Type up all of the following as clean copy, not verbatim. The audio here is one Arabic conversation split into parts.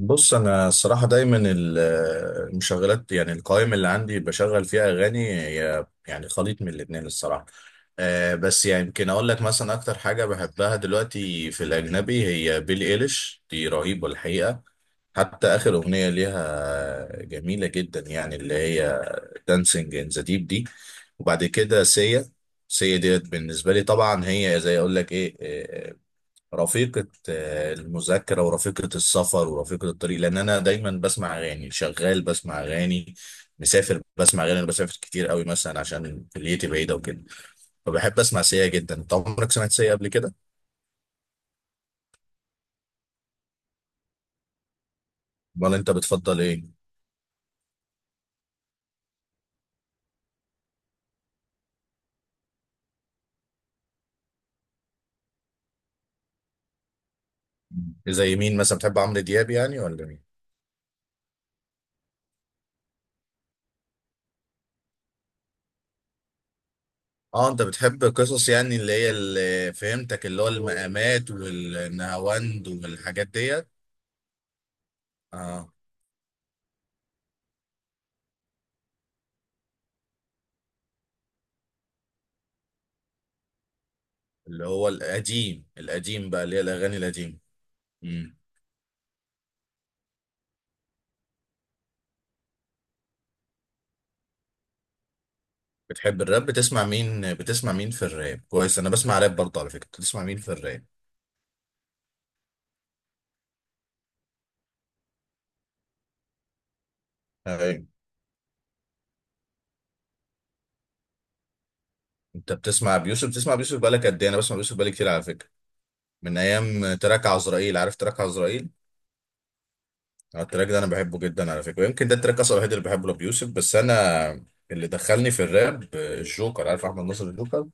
بص، انا الصراحه دايما المشغلات، يعني القائمه اللي عندي بشغل فيها اغاني هي يعني خليط من الاتنين الصراحه. بس يعني يمكن اقول لك مثلا اكتر حاجه بحبها دلوقتي في الاجنبي هي بيلي ايليش، دي رهيبه الحقيقه. حتى اخر اغنيه ليها جميله جدا، يعني اللي هي دانسينج ان ذا ديب دي. وبعد كده سيا ديت بالنسبه لي طبعا هي زي اقول لك ايه، رفيقة المذاكرة ورفيقة السفر ورفيقة الطريق، لأن أنا دايما بسمع أغاني، شغال بسمع أغاني، مسافر بسمع أغاني. أنا بسافر كتير قوي مثلا عشان كليتي بعيدة وكده، فبحب أسمع سيا جدا. أنت عمرك سمعت سيا قبل كده؟ ولا أنت بتفضل إيه؟ زي مين مثلا، بتحب عمرو دياب يعني ولا مين؟ اه، انت بتحب قصص يعني، اللي هي اللي فهمتك اللي هو المقامات والنهاوند والحاجات ديت. اه، اللي هو القديم القديم بقى، اللي هي الاغاني القديمه. بتحب الراب؟ بتسمع مين، بتسمع مين في الراب؟ كويس، انا بسمع راب برضه على فكره. بتسمع مين في الراب؟ ايوه، انت بتسمع بيوسف بقالك قد ايه؟ انا بسمع بيوسف بقالي كتير على فكره، من ايام تراك عزرائيل. عارف تراك عزرائيل؟ التراك ده انا بحبه جدا على فكره، ويمكن ده التراك اصلا الوحيد اللي بحبه لبيوسف. بس انا اللي دخلني في الراب الجوكر. عارف احمد ناصر الجوكر؟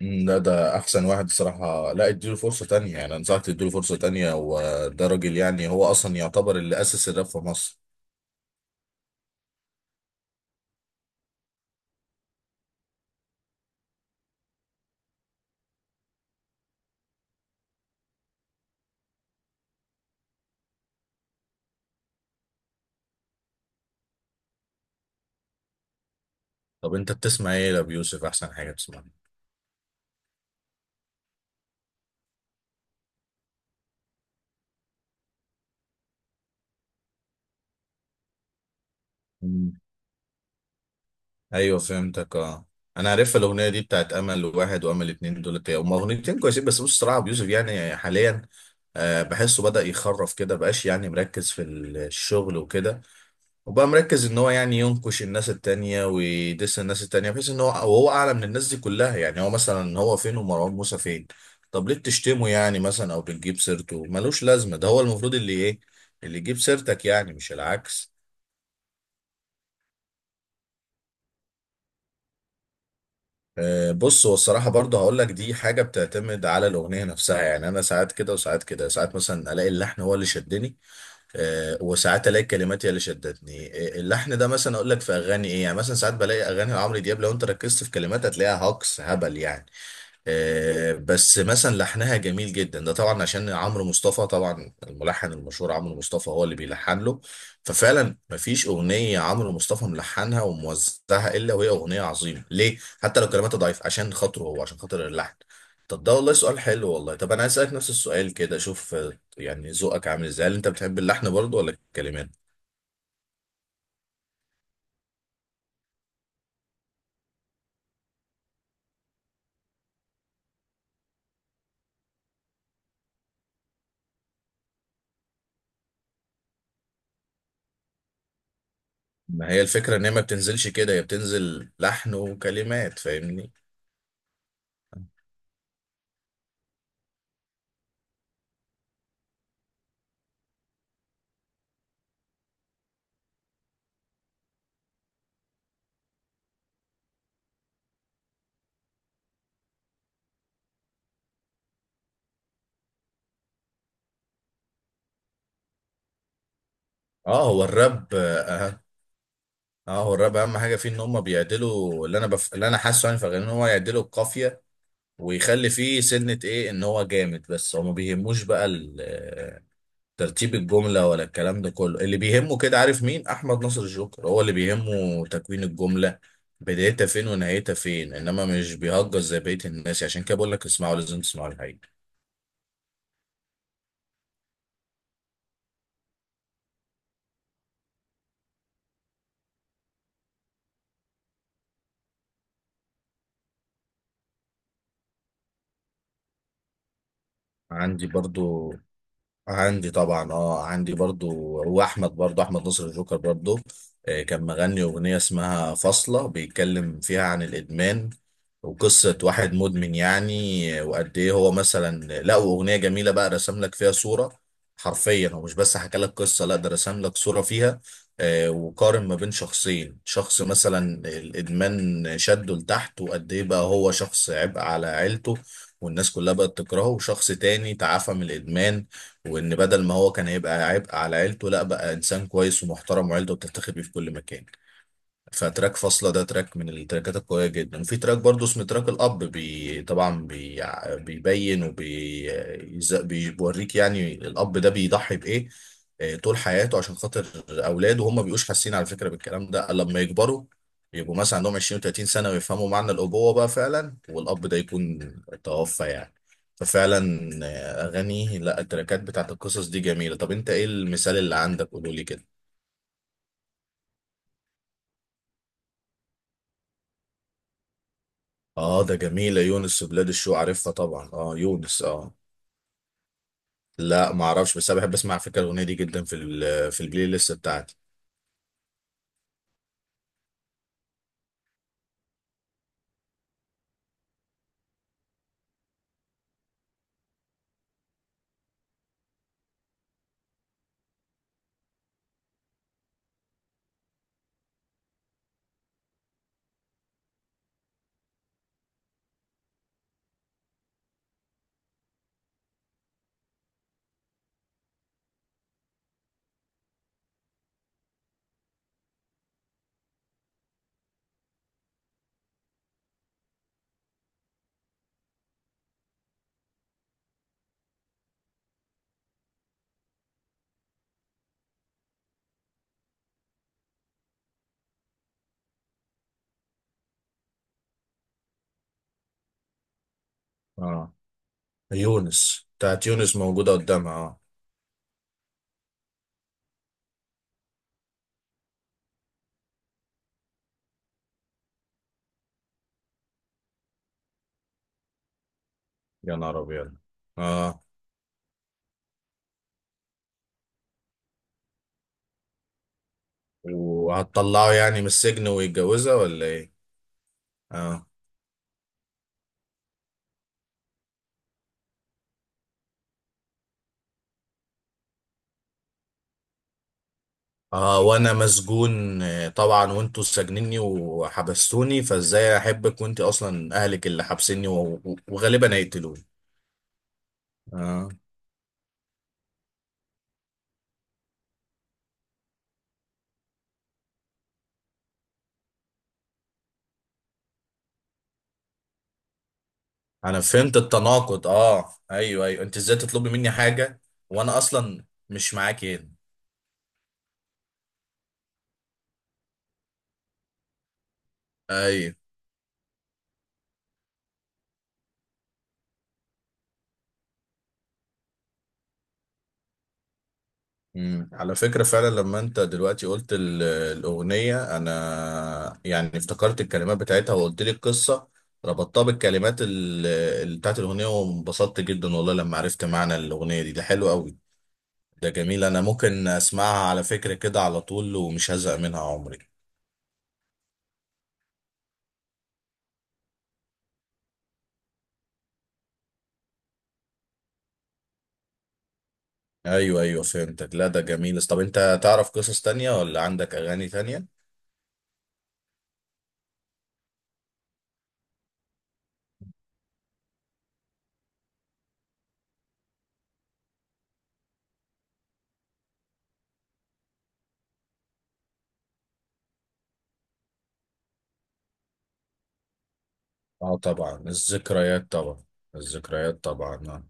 لا، ده احسن واحد الصراحه. لا اديله فرصه تانية، يعني انصحك تديله فرصه تانية، وده راجل يعني هو اصلا يعتبر اللي اسس الراب في مصر. طب انت بتسمع ايه لابيوسف؟ احسن حاجه بتسمعها. مم. ايوه فهمتك اه. انا عارف الاغنيه دي، بتاعت امل واحد وامل اتنين، دولت هما اغنيتين كويسين. بس بص الصراحه ابو يوسف يعني حاليا بحسه بدا يخرف كده، بقاش يعني مركز في الشغل وكده. وبقى مركز ان هو يعني ينكش الناس التانية ويدس الناس التانية، بحيث ان هو وهو اعلى من الناس دي كلها. يعني هو مثلا هو فين ومروان موسى فين؟ طب ليه بتشتمه يعني مثلا، او بتجيب سيرته ملوش لازمه؟ ده هو المفروض اللي ايه، اللي يجيب سيرتك، يعني مش العكس. بص هو الصراحة برضه هقول لك دي حاجة بتعتمد على الأغنية نفسها. يعني أنا ساعات كده وساعات كده، ساعات مثلا ألاقي اللحن هو اللي شدني، وساعات ألاقي الكلمات هي اللي شدتني. اللحن ده مثلا أقول لك في أغاني إيه، يعني مثلا ساعات بلاقي أغاني عمرو دياب لو أنت ركزت في كلماتها تلاقيها هجص هبل يعني. بس مثلا لحنها جميل جدا، ده طبعا عشان عمرو مصطفى، طبعا الملحن المشهور عمرو مصطفى هو اللي بيلحن له. ففعلا مفيش اغنيه عمرو مصطفى ملحنها وموزعها الا وهي اغنيه عظيمه ليه، حتى لو كلماتها ضعيف، عشان خاطره هو، عشان خاطر اللحن. طب ده والله سؤال حلو والله. طب انا هسألك نفس السؤال كده، شوف يعني ذوقك عامل ازاي، هل انت بتحب اللحن برضه ولا الكلمات؟ ما هي الفكره ان هي ما بتنزلش كده، هي بتنزل لحن وكلمات، فاهمني. اه هو الراب اهم حاجه فيه ان هم بيعدلوا اللي انا حاسه يعني في الاغاني، ان هو يعدلوا القافيه ويخلي فيه سنه ايه ان هو جامد، بس هو ما بيهموش بقى ترتيب الجمله ولا الكلام ده كله. اللي بيهمه كده عارف مين؟ احمد ناصر الجوكر، هو اللي بيهمه تكوين الجمله، بدايتها فين ونهايتها فين، انما مش بيهجس زي بقيه الناس. عشان كده بقول لك اسمعوا، لازم تسمعوا الحقيقه. عندي برضو، عندي طبعا اه، عندي برضو. هو احمد برضو، احمد نصر الجوكر برضو، كان مغني اغنيه اسمها فاصله بيتكلم فيها عن الادمان وقصه واحد مدمن يعني. وقد ايه هو مثلا، لا واغنيه جميله بقى، رسم لك فيها صوره، حرفيا هو مش بس حكى لك قصه، لا ده رسم لك صوره فيها. وقارن ما بين شخصين، شخص مثلا الادمان شده لتحت وقد ايه بقى هو شخص عبء على عيلته والناس كلها بقت تكرهه، وشخص تاني تعافى من الادمان، وان بدل ما هو كان هيبقى عبء على عيلته لا بقى انسان كويس ومحترم وعيلته بتفتخر بيه في كل مكان. فتراك فاصلة ده تراك من التراكات القوية جدا. وفي تراك برضه اسمه تراك الأب، بي طبعا بي، بيبين وبيوريك يعني الأب ده بيضحي بإيه طول حياته عشان خاطر أولاده، وهم بيبقوش حاسين على فكرة بالكلام ده لما يكبروا، يبقوا مثلا عندهم 20 و30 سنة ويفهموا معنى الأبوة بقى فعلا، والأب ده يكون توفى يعني. ففعلا أغاني، لا التراكات بتاعت القصص دي جميلة. طب أنت إيه المثال اللي عندك؟ قولولي كده. اه ده جميلة، يونس بلاد الشو، عارفها طبعا، اه يونس اه. لا ما اعرفش، بس انا بحب اسمع على فكرة الاغنية دي جدا، في في البلاي ليست بتاعتي. اه يونس، بتاعت يونس موجودة قدامها اه. يا نهار ابيض اه. وهتطلعه يعني من السجن ويتجوزها ولا ايه؟ اه. اه وانا مسجون طبعا، وانتوا سجنني وحبستوني، فازاي احبك وانت اصلا اهلك اللي حبسني وغالبا هيقتلوني. اه انا فهمت التناقض، اه ايوه ايوه، انت ازاي تطلبي مني حاجه وانا اصلا مش معاكي هنا. ايوه. امم، على فكره فعلا لما انت دلوقتي قلت الاغنيه، انا يعني افتكرت الكلمات بتاعتها وقلت لي القصه، ربطتها بالكلمات بتاعت الاغنيه، وانبسطت جدا والله لما عرفت معنى الاغنيه دي. ده حلو قوي، ده جميل. انا ممكن اسمعها على فكره كده على طول ومش هزهق منها عمري. ايوه ايوه فهمتك، لا ده جميل. طب انت تعرف قصص تانية ولا عندك اغاني تانية؟ اه طبعا الذكريات طبعا، الذكريات طبعا آه.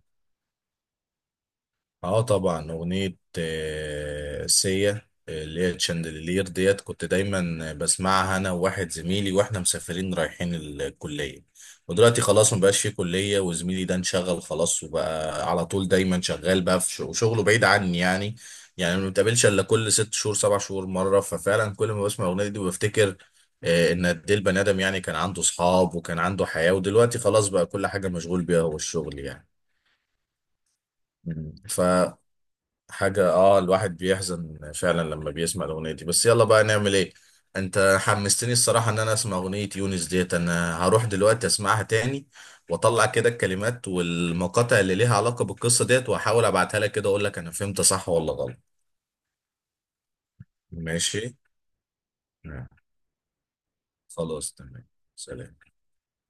اه طبعا اغنية سيا اللي هي تشاندلير ديت، كنت دايما بسمعها انا وواحد زميلي واحنا مسافرين رايحين الكلية. ودلوقتي خلاص مبقاش في كلية، وزميلي ده انشغل خلاص وبقى على طول دايما شغال، بقى في وشغله بعيد عني يعني. يعني ما بنتقابلش الا كل ست شهور سبع شهور مرة. ففعلا كل ما بسمع الاغنية دي بفتكر ان قد ايه البني ادم يعني كان عنده صحاب وكان عنده حياة، ودلوقتي خلاص بقى كل حاجة مشغول بيها هو الشغل يعني. مم. حاجة اه، الواحد بيحزن فعلا لما بيسمع الأغنية دي، بس يلا بقى نعمل ايه. انت حمستني الصراحة ان انا اسمع أغنية يونس ديت، انا هروح دلوقتي اسمعها تاني واطلع كده الكلمات والمقاطع اللي ليها علاقة بالقصة ديت، واحاول ابعتها لك كده اقول لك انا فهمت صح ولا غلط. ماشي. نعم. خلاص تمام. سلام.